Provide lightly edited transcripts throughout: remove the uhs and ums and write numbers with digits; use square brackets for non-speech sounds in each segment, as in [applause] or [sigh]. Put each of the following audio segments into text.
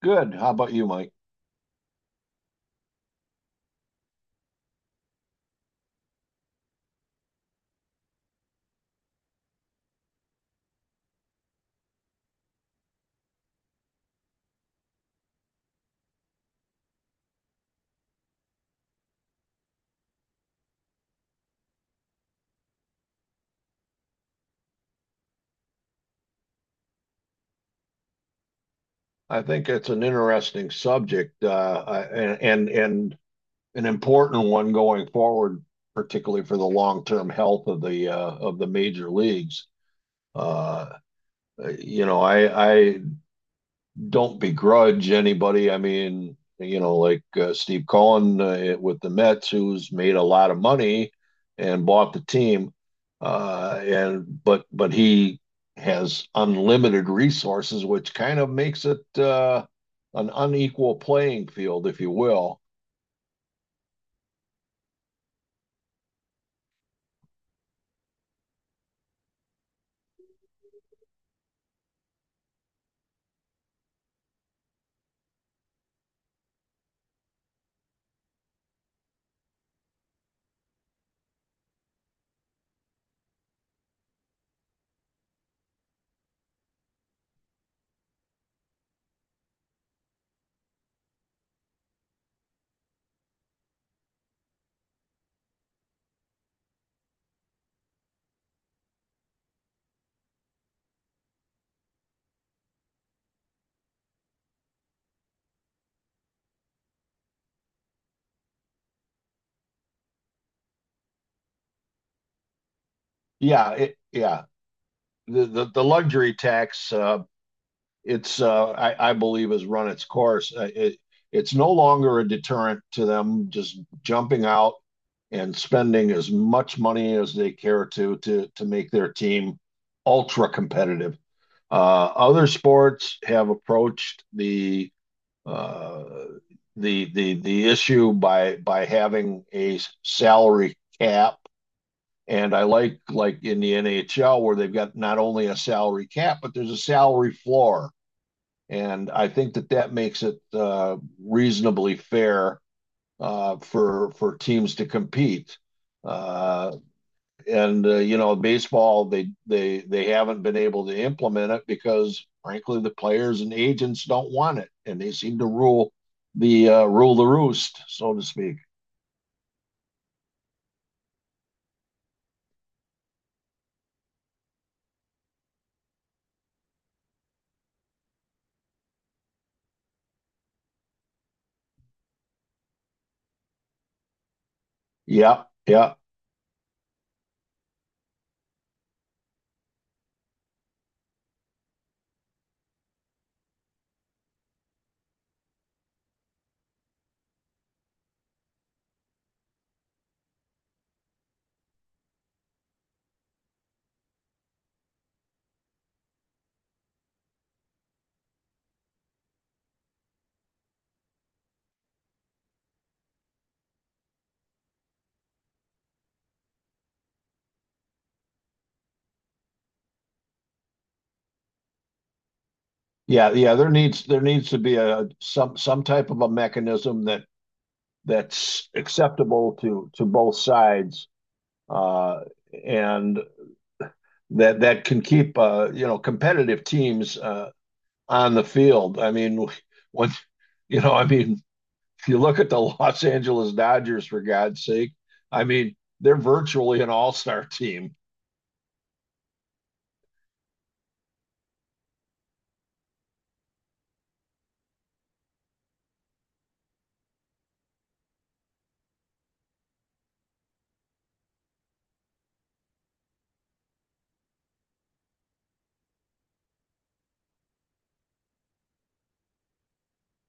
Good. How about you, Mike? I think it's an interesting subject, and an important one going forward, particularly for the long-term health of the major leagues. Uh, you know, I don't begrudge anybody. I mean, you know, like Steve Cohen with the Mets, who's made a lot of money and bought the team, and but he has unlimited resources, which kind of makes it an unequal playing field, if you will. Yeah, yeah. The luxury tax I believe has run its course. It's no longer a deterrent to them just jumping out and spending as much money as they care to make their team ultra competitive. Other sports have approached uh, the issue by having a salary cap. And I like in the NHL where they've got not only a salary cap, but there's a salary floor, and I think that that makes it reasonably fair, for teams to compete. Uh, and You know, baseball they haven't been able to implement it because, frankly, the players and agents don't want it, and they seem to rule the roost, so to speak. Yeah, yeah, yeah, yeah. There needs to be a some type of a mechanism that that's acceptable to both sides. Uh, and that that can keep, you know, competitive teams on the field. I mean, when you know, I mean, if you look at the [laughs] Los Angeles Dodgers, for God's sake, I mean, they're virtually an all-star team.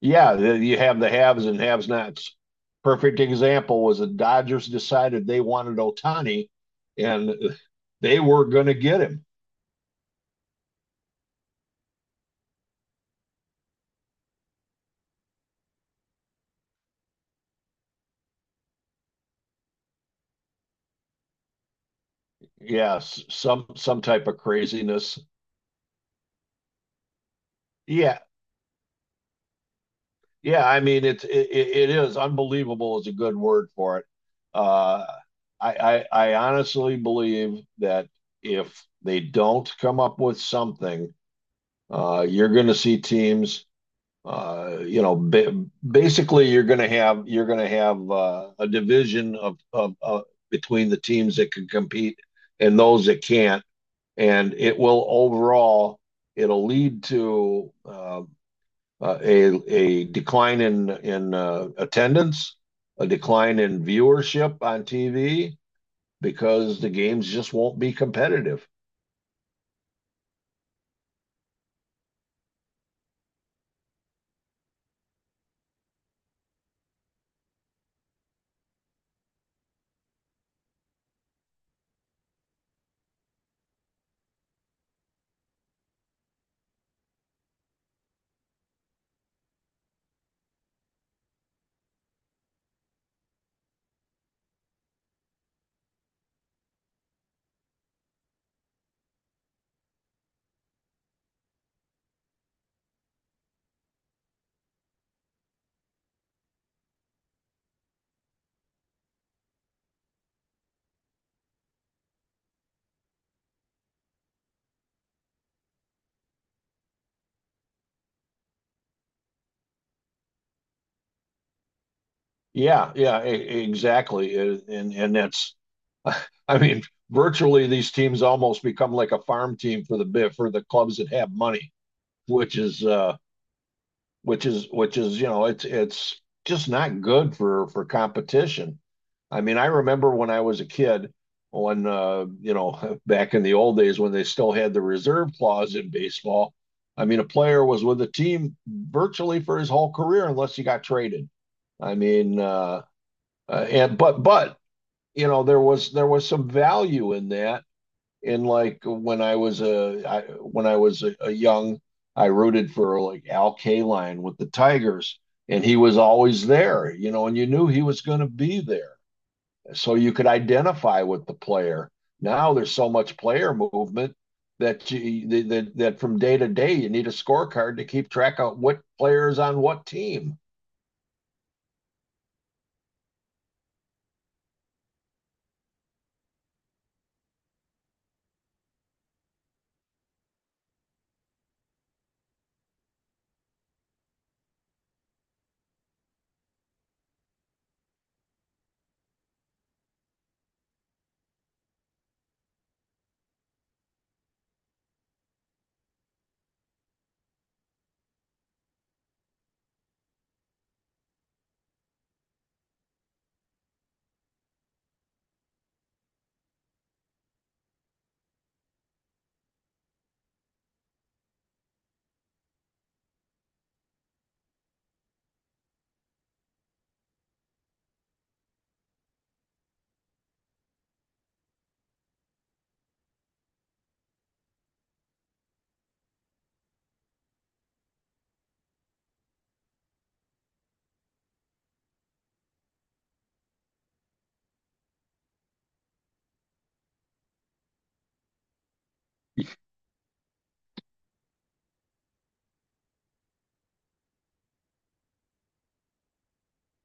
Yeah, you have the haves and haves nots. Perfect example was the Dodgers decided they wanted Ohtani, and they were going to get him. Yes, some type of craziness. Yeah, yeah, I mean it is unbelievable is a good word for it. Uh, I honestly believe that if they don't come up with something, you're going to see teams. Uh, you know, ba- basically you're going to have a division of between the teams that can compete and those that can't, and it will overall it'll lead to a decline in attendance, a decline in viewership on TV because the games just won't be competitive. Yeah, exactly. And that's, [laughs] I mean, virtually these teams almost become like a farm team for the bit for the clubs that have money, which is which is, you know, it's just not good for competition. I mean, I remember when I was a kid when, you know, [laughs] back in the old days when they still had the reserve clause in baseball. I mean, a player was with a team virtually for his whole career unless he got traded. I mean, and but you know there was some value in that in, when I was a young, I rooted for like Al Kaline with the Tigers, and he was always there, you know, and you knew he was going to be there, so you could identify with the player. Now there's so much player movement that you that that, from day to day you need a scorecard to keep track of what player is on what team.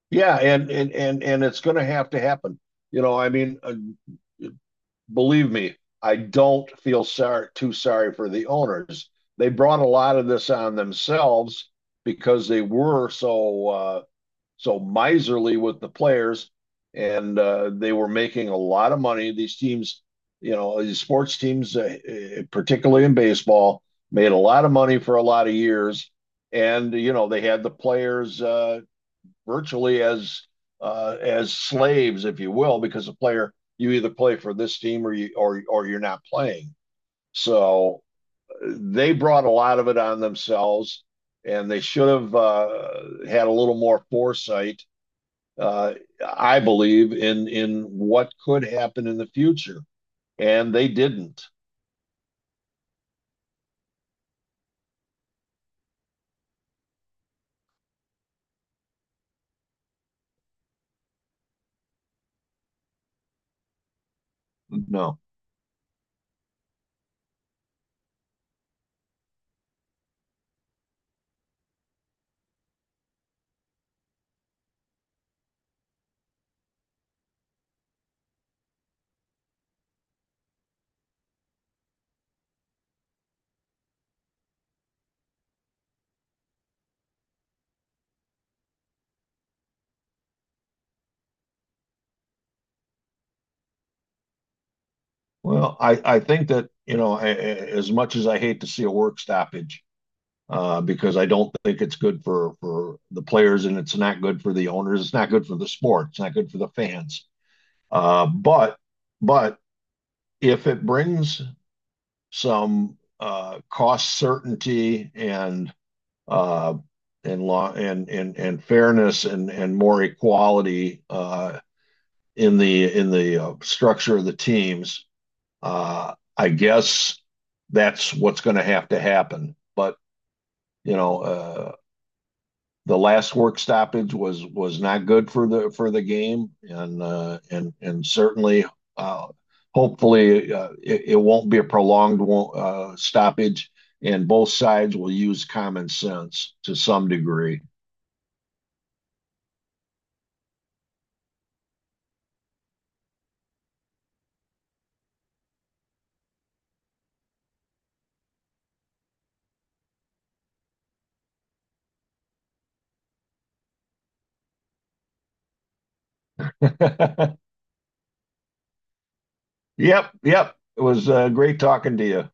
Yeah, and it's going to have to happen. You know, I mean, believe me, I don't feel sorry too sorry for the owners. They brought a lot of this on themselves because they were so, so miserly with the players, and they were making a lot of money. These teams, you know, these sports teams, particularly in baseball, made a lot of money for a lot of years, and you know they had the players virtually as, as slaves, if you will, because a player, you either play for this team or you or you're not playing. So they brought a lot of it on themselves, and they should have, had a little more foresight, uh, I believe, in what could happen in the future, and they didn't. No. Well, I think that, you know, as much as I hate to see a work stoppage, because I don't think it's good for the players, and it's not good for the owners. It's not good for the sport. It's not good for the fans. Uh, but but if it brings some, cost certainty uh, and law and fairness and more equality, in the structure of the teams, I guess that's what's going to have to happen. But you know, the last work stoppage was not good for the game, and certainly, uh, hopefully, it won't be a prolonged, stoppage, and both sides will use common sense to some degree. [laughs] Yep, yep. It was great talking to you.